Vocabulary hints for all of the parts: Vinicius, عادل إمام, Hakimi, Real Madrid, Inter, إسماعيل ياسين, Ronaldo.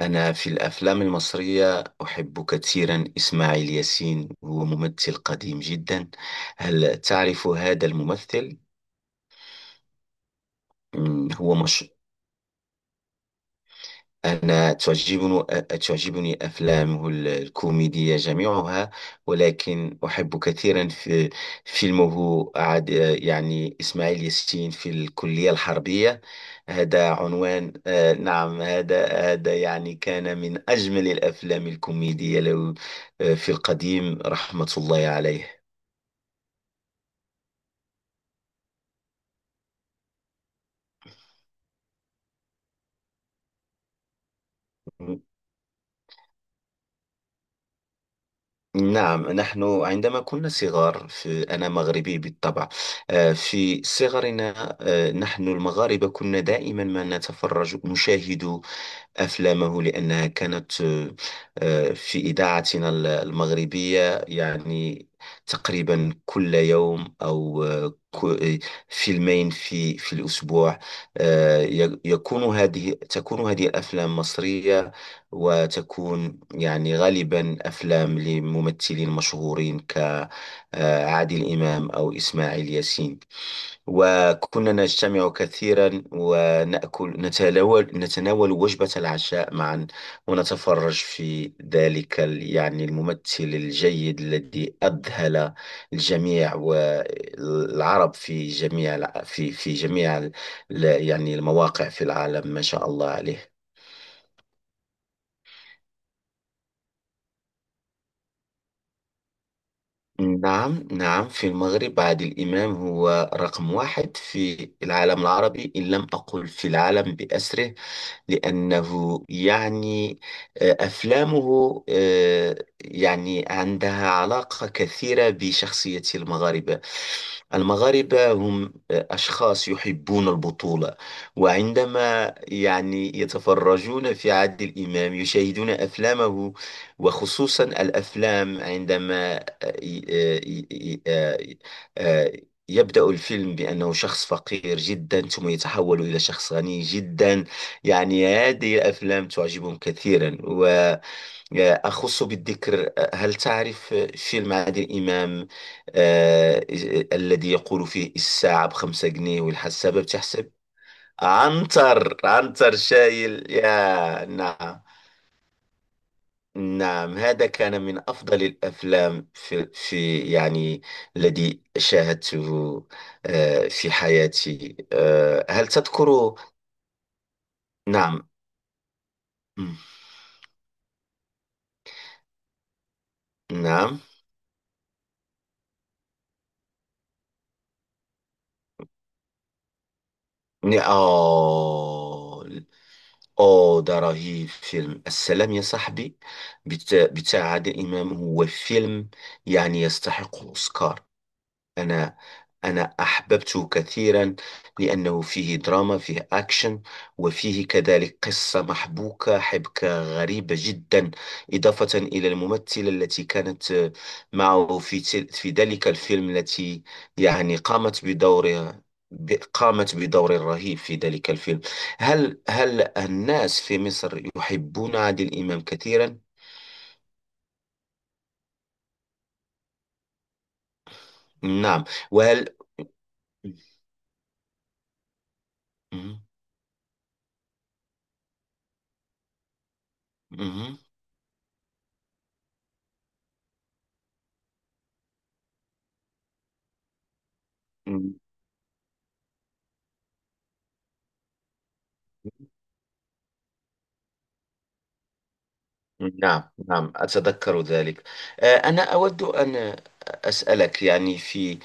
أنا في الأفلام المصرية أحب كثيرا إسماعيل ياسين. هو ممثل قديم جدا. هل تعرف هذا الممثل؟ هو مش. أنا تعجبني أفلامه الكوميدية جميعها. ولكن أحب كثيرا في فيلمه، عاد يعني، إسماعيل ياسين في الكلية الحربية. هذا عنوان، نعم. هذا يعني كان من أجمل الأفلام الكوميدية له. في القديم، رحمة الله عليه. نعم، نحن عندما كنا صغار، أنا مغربي بالطبع. في صغرنا، نحن المغاربة كنا دائما ما نشاهد أفلامه لأنها كانت، في إذاعتنا المغربية، يعني تقريبا كل يوم، أو فيلمين في الأسبوع. آه، ي- يكون هذه تكون هذه الأفلام مصرية، وتكون يعني غالبا أفلام لممثلين مشهورين كعادل إمام أو إسماعيل ياسين. وكنا نجتمع كثيرا، ونأكل نتناول نتناول وجبة العشاء معا، ونتفرج في ذلك يعني الممثل الجيد الذي أذهل الجميع والعرب في جميع في جميع يعني المواقع في العالم، ما شاء الله عليه. نعم، نعم، في المغرب عادل إمام هو رقم واحد في العالم العربي، إن لم أقل في العالم بأسره. لأنه يعني، أفلامه يعني عندها علاقة كثيرة بشخصية المغاربة. المغاربة هم أشخاص يحبون البطولة. وعندما يعني يتفرجون في عادل إمام، يشاهدون أفلامه، وخصوصا الأفلام عندما، ي- آه، ي- ي- آه، آه، يبدأ الفيلم بأنه شخص فقير جدا، ثم يتحول إلى شخص غني جدا. يعني هذه الأفلام تعجبهم كثيرا. وأخص بالذكر، هل تعرف فيلم عادل إمام، آه، الذي يقول فيه: الساعة بـ5 جنيه والحسابة بتحسب، عنتر عنتر شايل، يا نعم. نعم، هذا كان من أفضل الأفلام في يعني الذي شاهدته في حياتي. هل تذكر؟ نعم. مم. نعم. ن- آه ده رهيب. فيلم السلام يا صاحبي بتاع عادل إمام، هو فيلم يعني يستحق أوسكار. أنا أنا أحببته كثيرا، لأنه فيه دراما، فيه أكشن، وفيه كذلك قصة محبوكة، حبكة غريبة جدا، إضافة إلى الممثلة التي كانت، معه في في ذلك الفيلم، التي يعني قامت بدورها، قامت بدور رهيب في ذلك الفيلم. هل الناس في مصر يحبون عادل إمام كثيرا؟ نعم. وهل. مهم. مهم. نعم، نعم، أتذكر ذلك. أنا أود أن أسألك، يعني، في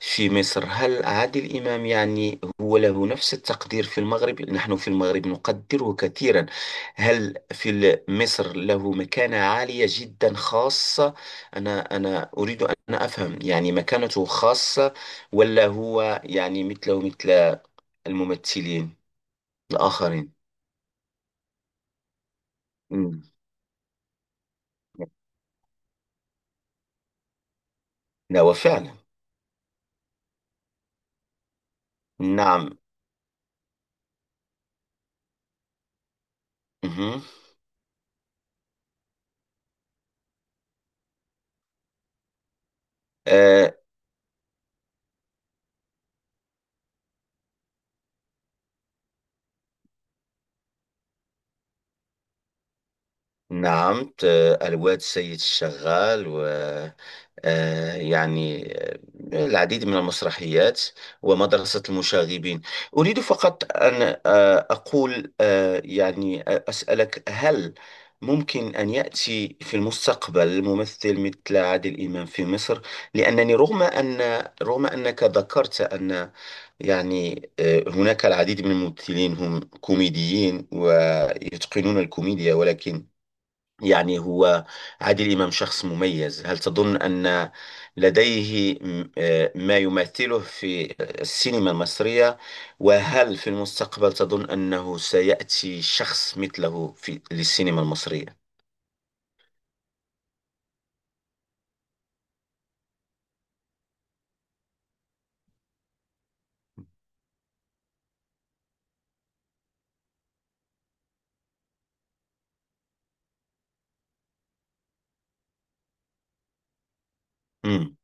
في مصر، هل عادل إمام يعني هو له نفس التقدير؟ في المغرب، نحن في المغرب نقدره كثيرا. هل في مصر له مكانة عالية جدا خاصة؟ أنا أريد أن أفهم يعني مكانته خاصة، ولا هو يعني مثله مثل الممثلين الآخرين؟ مم. لا، وفعلا. نعم. مهم. آه، نعم. الواد سيد الشغال، و يعني العديد من المسرحيات، ومدرسة المشاغبين. أريد فقط أن أقول، يعني، أسألك: هل ممكن أن يأتي في المستقبل ممثل مثل عادل إمام في مصر؟ لأنني رغم أنك ذكرت أن، يعني، هناك العديد من الممثلين هم كوميديين ويتقنون الكوميديا، ولكن، يعني، هو عادل إمام شخص مميز. هل تظن أن لديه ما يمثله في السينما المصرية؟ وهل في المستقبل تظن أنه سيأتي شخص مثله للسينما المصرية؟ مم.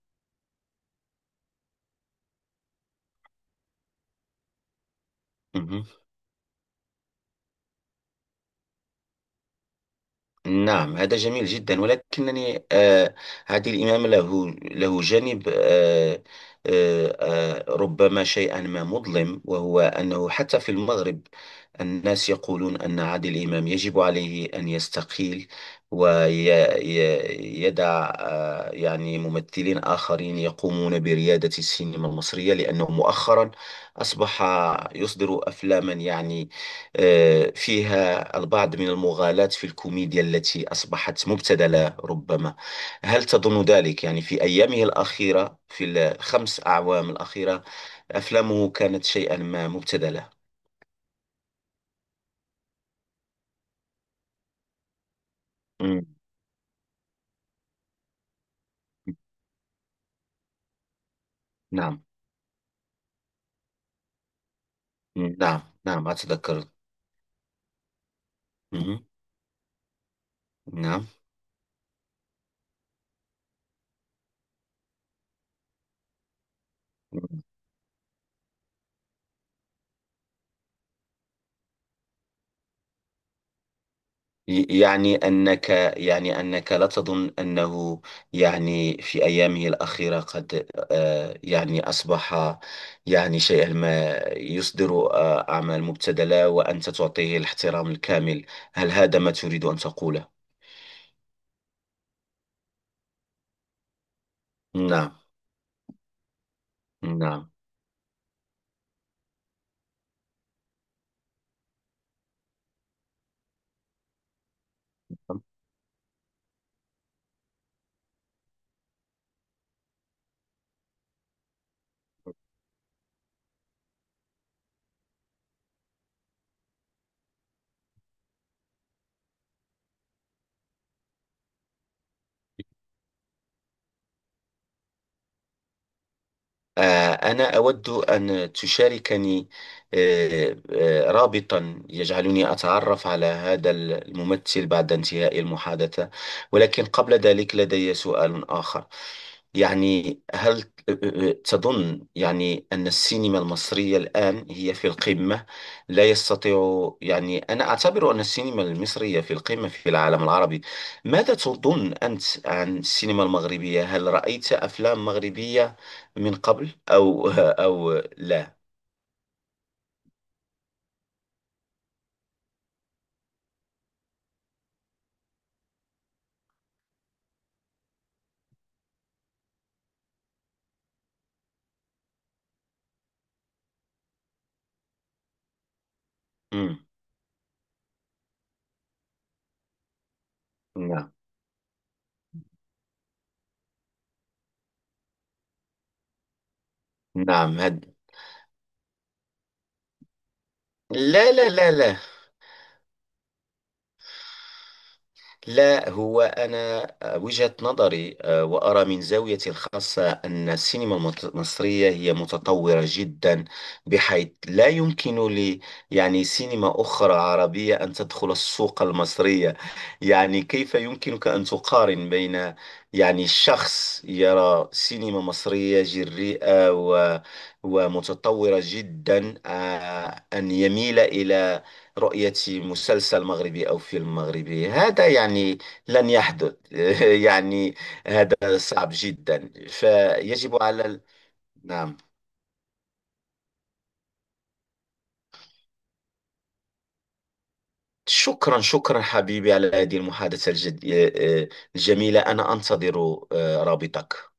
مهم. نعم، هذا جميل جدا. ولكنني هذه الإمام، له جانب، آه ربما شيئا ما مظلم، وهو أنه حتى في المغرب، الناس يقولون أن عادل إمام يجب عليه أن يستقيل، ويدع، يعني، ممثلين آخرين يقومون بريادة السينما المصرية، لأنه مؤخرا أصبح يصدر أفلاما، يعني، فيها البعض من المغالاة في الكوميديا التي أصبحت مبتذلة ربما. هل تظن ذلك؟ يعني في أيامه الأخيرة، في الخمس أعوام الأخيرة، أفلامه كانت شيئا ما مبتذلة. مم. نعم. مم. نعم، نعم، أتذكر. مم. نعم. يعني أنك يعني أنك لا تظن أنه، يعني، في أيامه الأخيرة قد، يعني، أصبح يعني شيئا ما، يصدر أعمال مبتذلة، وأنت تعطيه الاحترام الكامل. هل هذا ما تريد أن تقوله؟ نعم. نعم. أنا أود أن تشاركني رابطا يجعلني أتعرف على هذا الممثل بعد انتهاء المحادثة. ولكن قبل ذلك لدي سؤال آخر. يعني، هل تظن، يعني، أن السينما المصرية الآن هي في القمة؟ لا يستطيع، يعني، أنا أعتبر أن السينما المصرية في القمة في العالم العربي. ماذا تظن أنت عن السينما المغربية؟ هل رأيت أفلام مغربية من قبل، أو لا؟ مم. نعم، نعم. لا، لا، لا، لا. لا، هو أنا وجهة نظري، وأرى من زاويتي الخاصة أن السينما المصرية هي متطورة جدا، بحيث لا يمكن لي، يعني، سينما أخرى عربية أن تدخل السوق المصرية. يعني كيف يمكنك أن تقارن بين، يعني، شخص يرى سينما مصرية جريئة و ومتطورة جدا، أن يميل إلى رؤية مسلسل مغربي أو فيلم مغربي؟ هذا يعني لن يحدث. يعني هذا صعب جدا، فيجب على نعم. شكرا، شكرا حبيبي على هذه المحادثة الجد... آه، آه، الجميلة. أنا أنتظر رابطك.